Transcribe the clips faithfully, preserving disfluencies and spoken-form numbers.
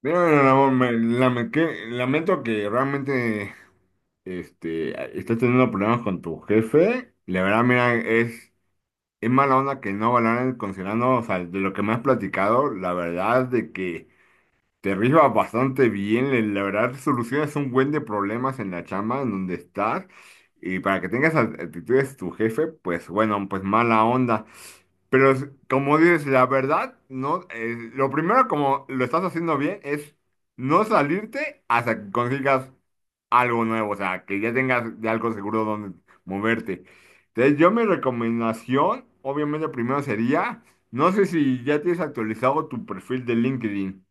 Bueno, Ramón, me lame- que- lamento que realmente este, estés teniendo problemas con tu jefe. La verdad, mira, es, es mala onda que no valoren considerando, o sea, de lo que me has platicado, la verdad de que te rifas bastante bien, le- la verdad solucionas un buen de problemas en la chamba en donde estás. Y para que tengas actitudes tu jefe, pues bueno, pues mala onda. Pero es- como dices, la verdad, no, eh, lo primero como lo estás haciendo bien es no salirte hasta que consigas algo nuevo, o sea, que ya tengas de algo seguro donde moverte. Entonces, yo mi recomendación, obviamente, primero sería, no sé si ya tienes actualizado tu perfil de LinkedIn.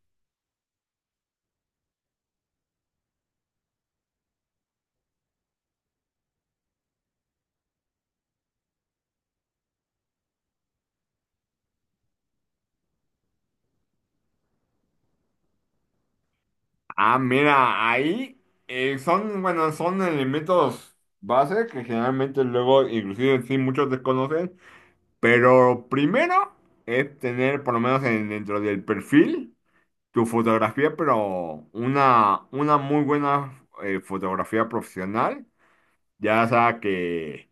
Ah, mira, ahí eh, son, bueno, son elementos base que generalmente luego, inclusive, sí, muchos desconocen. Pero primero es tener, por lo menos en- dentro del perfil, tu fotografía, pero una, una muy buena eh, fotografía profesional. Ya sea que,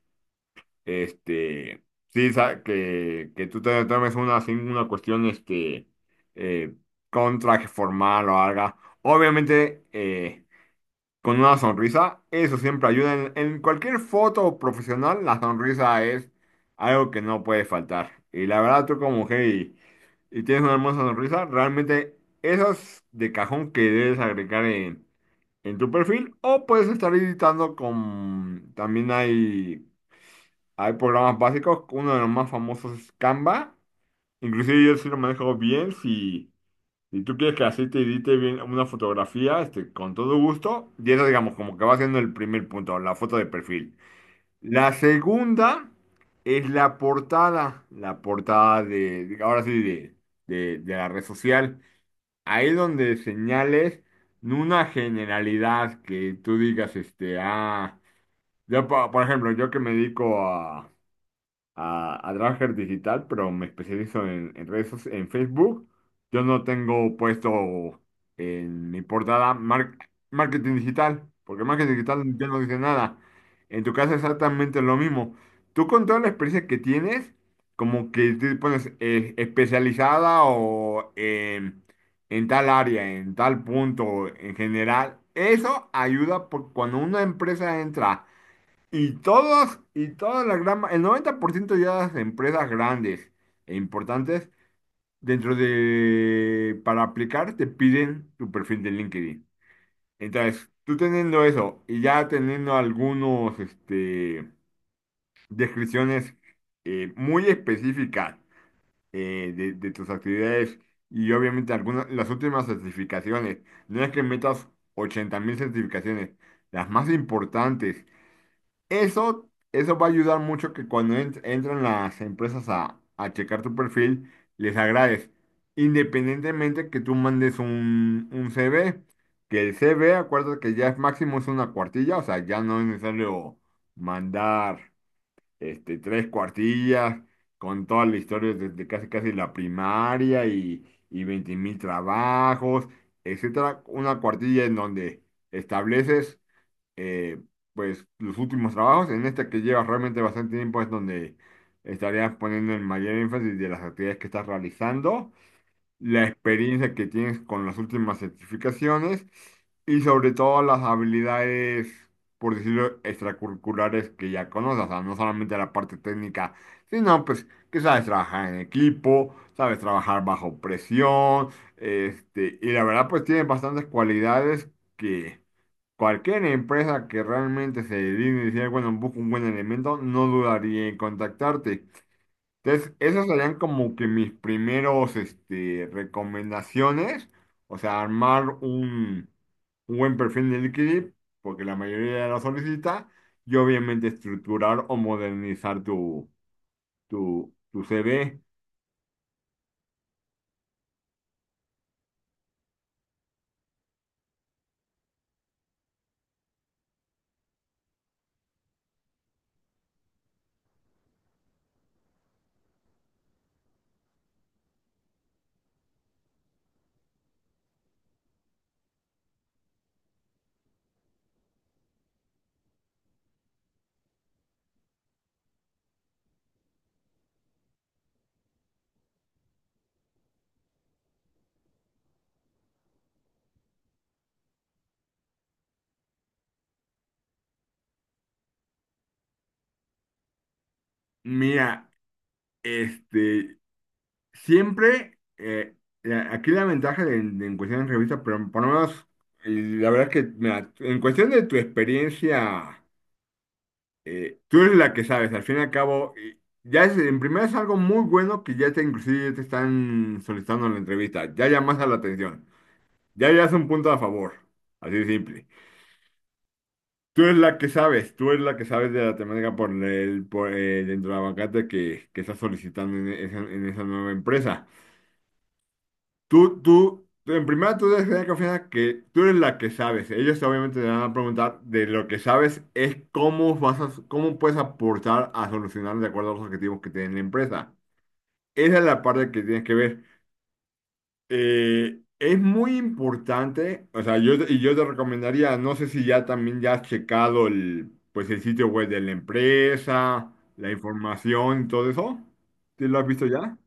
este, sí, sa- que, que tú te tomes una, así, una cuestión, este, eh, con traje formal o algo. Obviamente, eh, con una sonrisa, eso siempre ayuda. En, en cualquier foto profesional, la sonrisa es algo que no puede faltar. Y la verdad, tú como mujer y, y tienes una hermosa sonrisa, realmente esas de cajón que debes agregar en, en tu perfil o puedes estar editando con... También hay, hay programas básicos, uno de los más famosos es Canva. Inclusive yo sí lo manejo bien, si... si tú quieres que así te edite bien una fotografía, este, con todo gusto, y eso digamos como que va siendo el primer punto, la foto de perfil. La segunda es la portada, la portada de, de- ahora sí, de, de, de la red social. Ahí donde señales una generalidad que tú digas, este, ah, yo, po- por ejemplo, yo que me dedico a, a trabajar digital, pero me especializo en, en redes soci- en Facebook. Yo no tengo puesto en mi portada mar- marketing digital, porque marketing digital ya no dice nada. En tu caso es exactamente lo mismo. Tú con toda la experiencia que tienes, como que te pones eh, especializada o en en tal área, en tal punto, en general, eso ayuda por cuando una empresa entra. Y todas, y toda la gran, ma- el noventa por ciento de las empresas grandes e importantes, dentro de, para aplicar, te piden tu perfil de LinkedIn. Entonces, tú teniendo eso y ya teniendo algunos, este, descripciones eh, muy específicas eh, de, de tus actividades y obviamente algunas, las últimas certificaciones, no es que metas ochenta mil certificaciones, las más importantes eso, eso va a ayudar mucho que cuando ent- entran las empresas a, a checar tu perfil, les agrades. Independientemente que tú mandes un, un C V, que el C V, acuérdate que ya es máximo es una cuartilla, o sea, ya no es necesario mandar este, tres cuartillas con toda la historia desde casi casi la primaria y, y veinte mil trabajos, etcétera. Una cuartilla en donde estableces eh, pues los últimos trabajos, en este que llevas realmente bastante tiempo es donde estarías poniendo el mayor énfasis de las actividades que estás realizando, la experiencia que tienes con las últimas certificaciones y sobre todo las habilidades, por decirlo, extracurriculares que ya conoces, o sea, no solamente la parte técnica, sino pues que sabes trabajar en equipo, sabes trabajar bajo presión, este, y la verdad pues tienes bastantes cualidades que cualquier empresa que realmente se dedique a decir, bueno, busco un buen elemento, no dudaría en contactarte. Entonces, esas serían como que mis primeros, este, recomendaciones. O sea, armar un, un buen perfil de LinkedIn, porque la mayoría lo solicita, y obviamente estructurar o modernizar tu, tu, tu C V. Mira, este, siempre, eh, la- aquí la ventaja de, de en cuestión de revista, pero por lo menos, y la verdad es que, mira, en cuestión de tu experiencia, eh, tú eres la que sabes, al fin y al cabo, y ya es, en primera es algo muy bueno que ya te inclusive ya te están solicitando la entrevista, ya llamas a la atención, ya ya es un punto a favor, así de simple. Tú eres la que sabes, tú eres la que sabes de la temática por el, por el entravacante que, que estás solicitando en esa en esa nueva empresa. Tú, tú, tú- en primera tú debes tener confianza que tú eres la que sabes. Ellos obviamente te van a preguntar de lo que sabes es cómo vas a, cómo puedes aportar a solucionar de acuerdo a los objetivos que tiene la empresa. Esa es la parte que tienes que ver. Eh, es muy importante, o sea, yo, y yo te recomendaría, no sé si ya también ya has checado el, pues el sitio web de la empresa, la información y todo eso. ¿Sí lo has visto ya?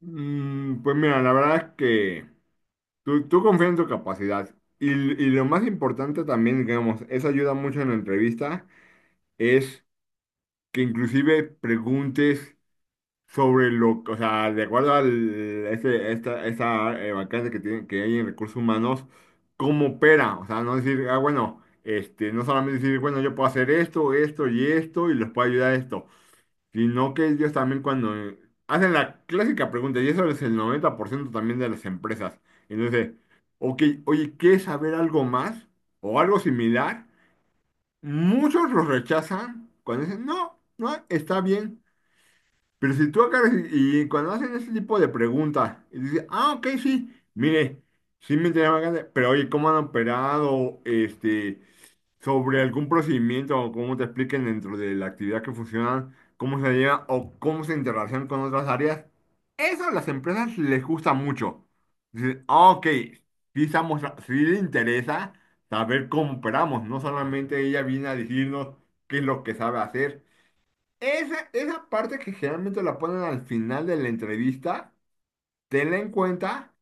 Mm, pues mira, la verdad es que... Tú, tú confía en tu capacidad. Y, y lo más importante también, digamos, eso ayuda mucho en la entrevista, es que inclusive preguntes sobre lo, o sea, de acuerdo a ese, esta, esta eh, vacante que tiene, que hay en recursos humanos, cómo opera. O sea, no decir, ah, bueno, este, no solamente decir, bueno, yo puedo hacer esto, esto y esto, y les puedo ayudar a esto. Sino que ellos también cuando eh, hacen la clásica pregunta, y eso es el noventa por ciento también de las empresas. Entonces, ok, oye, ¿quieres saber algo más o algo similar? Muchos los rechazan cuando dicen, no, no, está bien. Pero si tú agarras y, y cuando hacen ese tipo de preguntas, y dices, ah, ok, sí, mire, sí me interesa bastante, pero oye, ¿cómo han operado este, sobre algún procedimiento o cómo te expliquen dentro de la actividad que funcionan, cómo se lleva o cómo se interrelacionan con otras áreas? Eso a las empresas les gusta mucho. Dicen, ah, ok, sí, estamos, sí le interesa saber cómo operamos, no solamente ella viene a decirnos qué es lo que sabe hacer. Esa, esa parte que generalmente la ponen al final de la entrevista, tenla en cuenta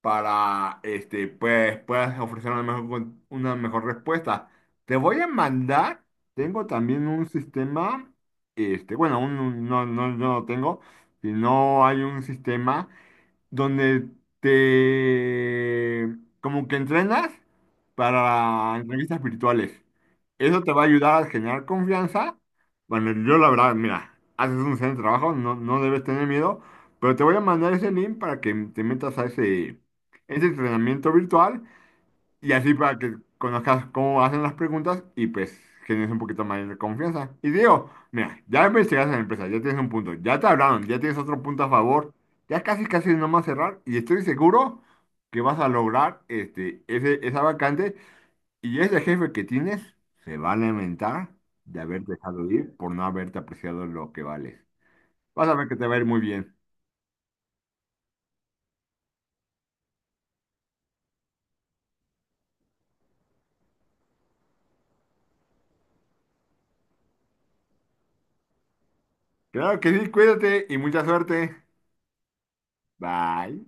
para este, pues, puedas ofrecer una mejor, con- una mejor respuesta. Te voy a mandar, tengo también un sistema, este, bueno, un- un- no, no, no lo tengo, sino hay un sistema donde te como que entrenas para entrevistas virtuales. Eso te va a ayudar a generar confianza. Bueno, yo la verdad, mira, haces un excelente trabajo, no, no debes tener miedo, pero te voy a mandar ese link para que te metas a ese, ese entrenamiento virtual y así para que conozcas cómo hacen las preguntas y pues generes un poquito más de confianza. Y digo, mira, ya investigaste en la empresa, ya tienes un punto, ya te hablaron, ya tienes otro punto a favor, ya casi casi es nomás cerrar y estoy seguro que vas a lograr este, ese, esa vacante y ese jefe que tienes se va a lamentar de haber dejado ir por no haberte apreciado lo que vales. Vas a ver que te va a ir muy bien. Claro que sí, cuídate y mucha suerte. Bye.